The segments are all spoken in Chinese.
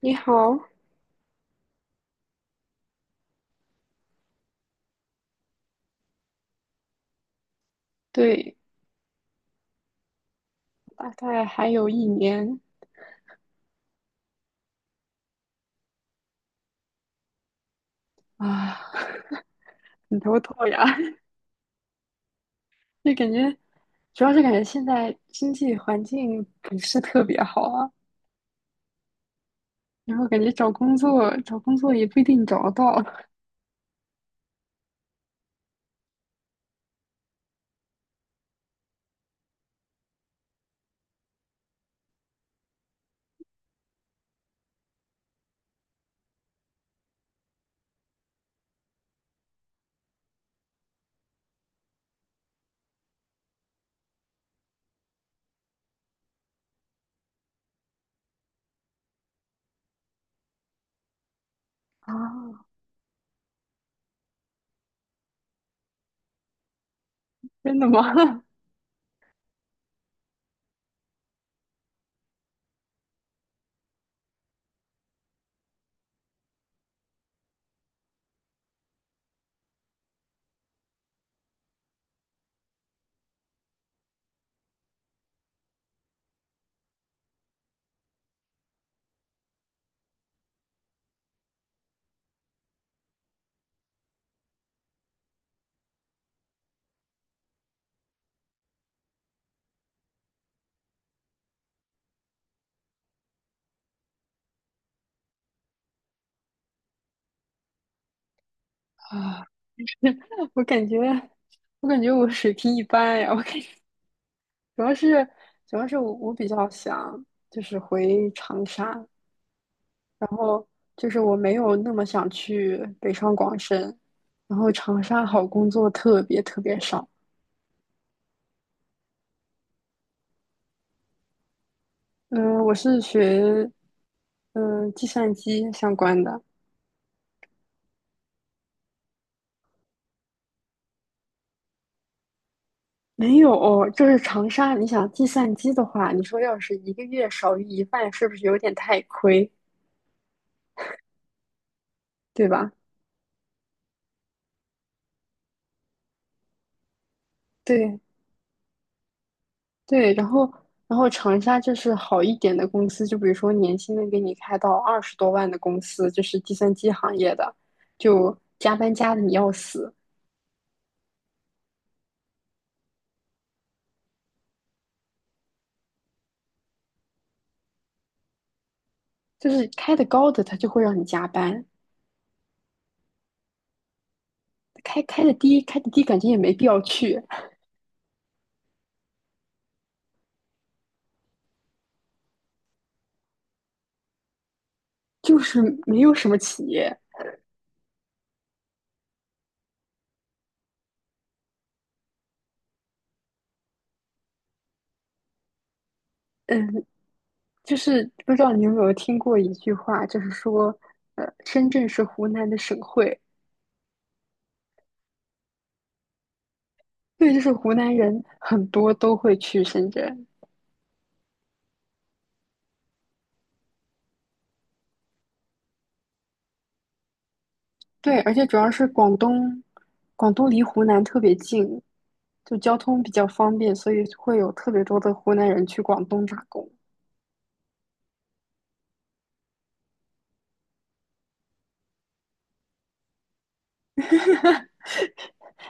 你好，对，大概还有1年啊，很头痛呀。就感觉，主要是感觉现在经济环境不是特别好啊，然后感觉找工作也不一定找得到啊。真的吗？啊，我感觉，我感觉我水平一般呀。我感觉主要是，主要是我比较想就是回长沙，然后就是我没有那么想去北上广深，然后长沙好工作特别特别少。嗯、我是学计算机相关的，没有，就是长沙。你想计算机的话，你说要是1个月少于一半，是不是有点太亏，对吧？对对，然后长沙就是好一点的公司，就比如说年薪能给你开到20多万的公司，就是计算机行业的，就加班加的你要死。就是开的高的，他就会让你加班；开的低感觉也没必要去，就是没有什么企业。嗯，就是不知道你有没有听过一句话，就是说，深圳是湖南的省会，对，就是湖南人很多都会去深圳，对，而且主要是广东，广东离湖南特别近，就交通比较方便，所以会有特别多的湖南人去广东打工。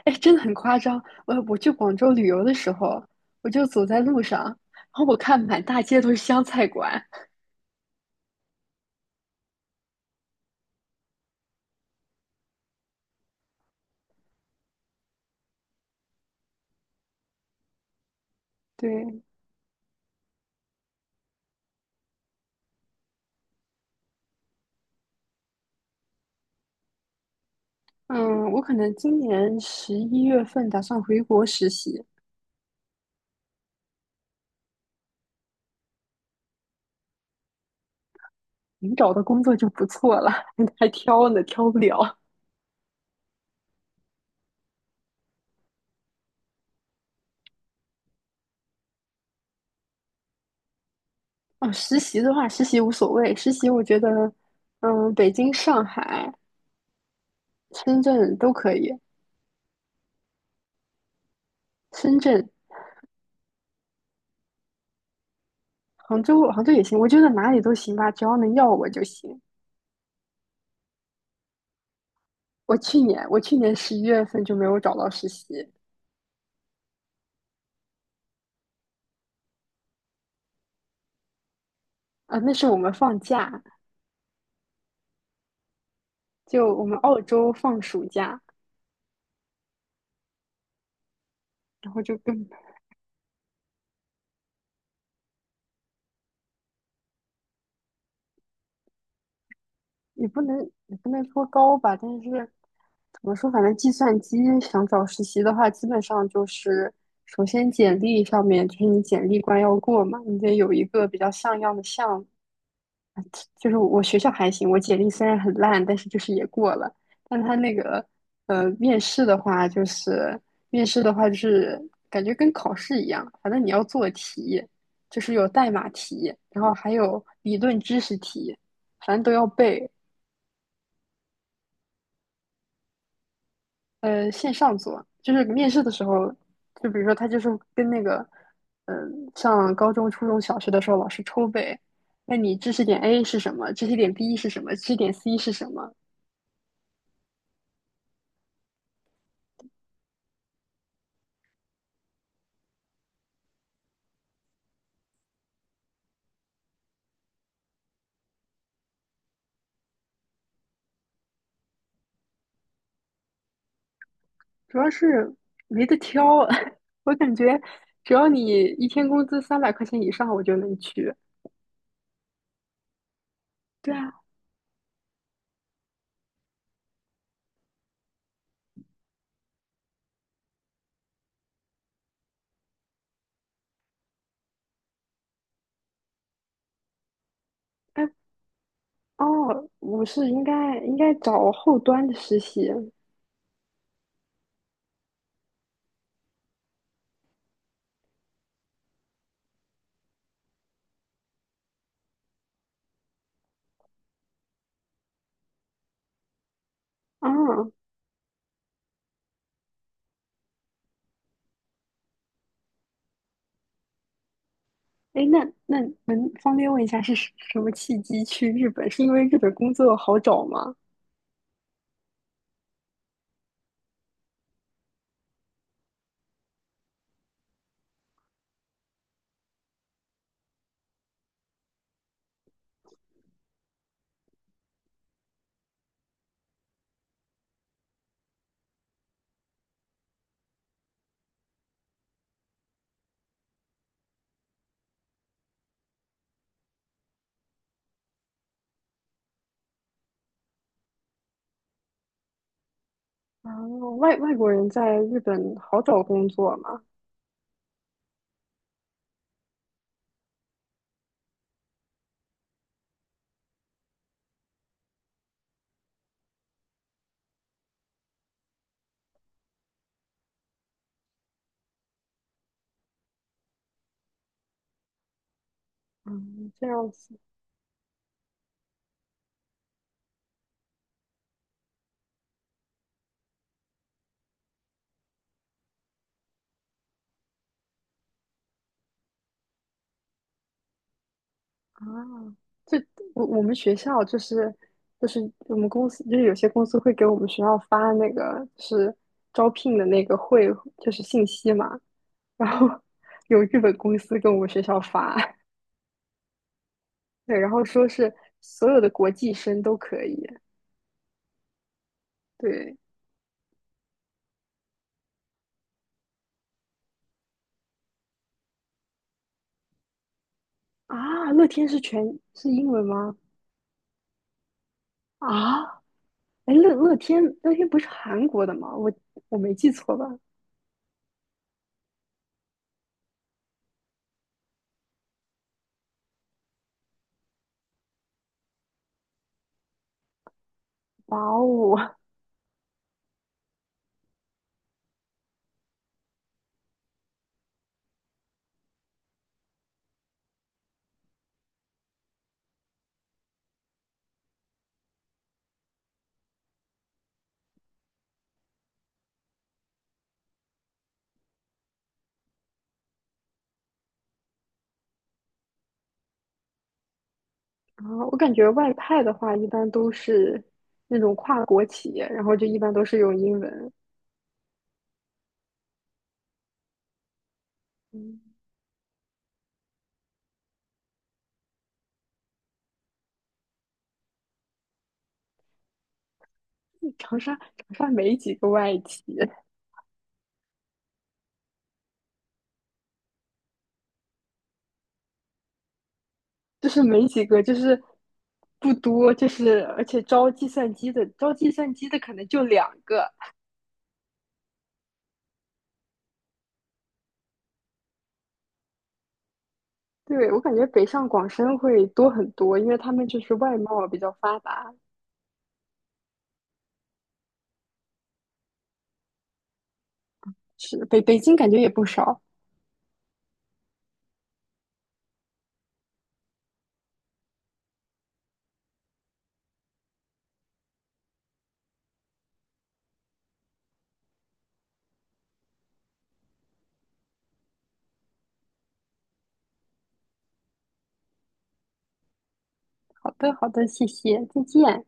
哎，真的很夸张。我去广州旅游的时候，我就走在路上，然后我看满大街都是湘菜馆。对，嗯，我可能今年十一月份打算回国实习，能找到工作就不错了，还挑呢，挑不了。哦，实习的话，实习无所谓，实习我觉得，北京、上海、深圳都可以，深圳、杭州也行，我觉得哪里都行吧，只要能要我就行。我去年十一月份就没有找到实习，啊，那是我们放假，就我们澳洲放暑假，然后就跟也不能也不能说高吧，但是怎么说，反正计算机想找实习的话，基本上就是首先简历上面就是你简历关要过嘛，你得有一个比较像样的项目，就是我学校还行，我简历虽然很烂，但是就是也过了。但他那个呃面试的话，就是面试的话就是感觉跟考试一样，反正你要做题，就是有代码题，然后还有理论知识题，反正都要背。线上做，就是面试的时候，就比如说他就是跟那个嗯、呃上高中、初中小学的时候老师抽背，问你知识点 A 是什么，知识点 B 是什么，知识点 C 是什么。主要是没得挑，我感觉只要你1天工资300块钱以上，我就能去。对啊，哎，哦，我是应该找后端的实习啊。哎，那能方便问一下是什么契机去日本？是因为日本工作好找吗？啊，外国人在日本好找工作吗？嗯，这样子。啊，就我们学校就是我们公司就是有些公司会给我们学校发那个就是招聘的那个会就是信息嘛，然后有日本公司跟我们学校发，对，然后说是所有的国际生都可以，对啊，乐天是全是英文吗？啊，哎，乐天不是韩国的吗？我没记错吧？哇哦，啊，我感觉外派的话，一般都是那种跨国企业，然后就一般都是用英文。嗯，长沙没几个外企，就是没几个，就是不多，就是而且招计算机的可能就2个。对，我感觉北上广深会多很多，因为他们就是外贸比较发达。是，北京感觉也不少。好的，好的，谢谢，再见。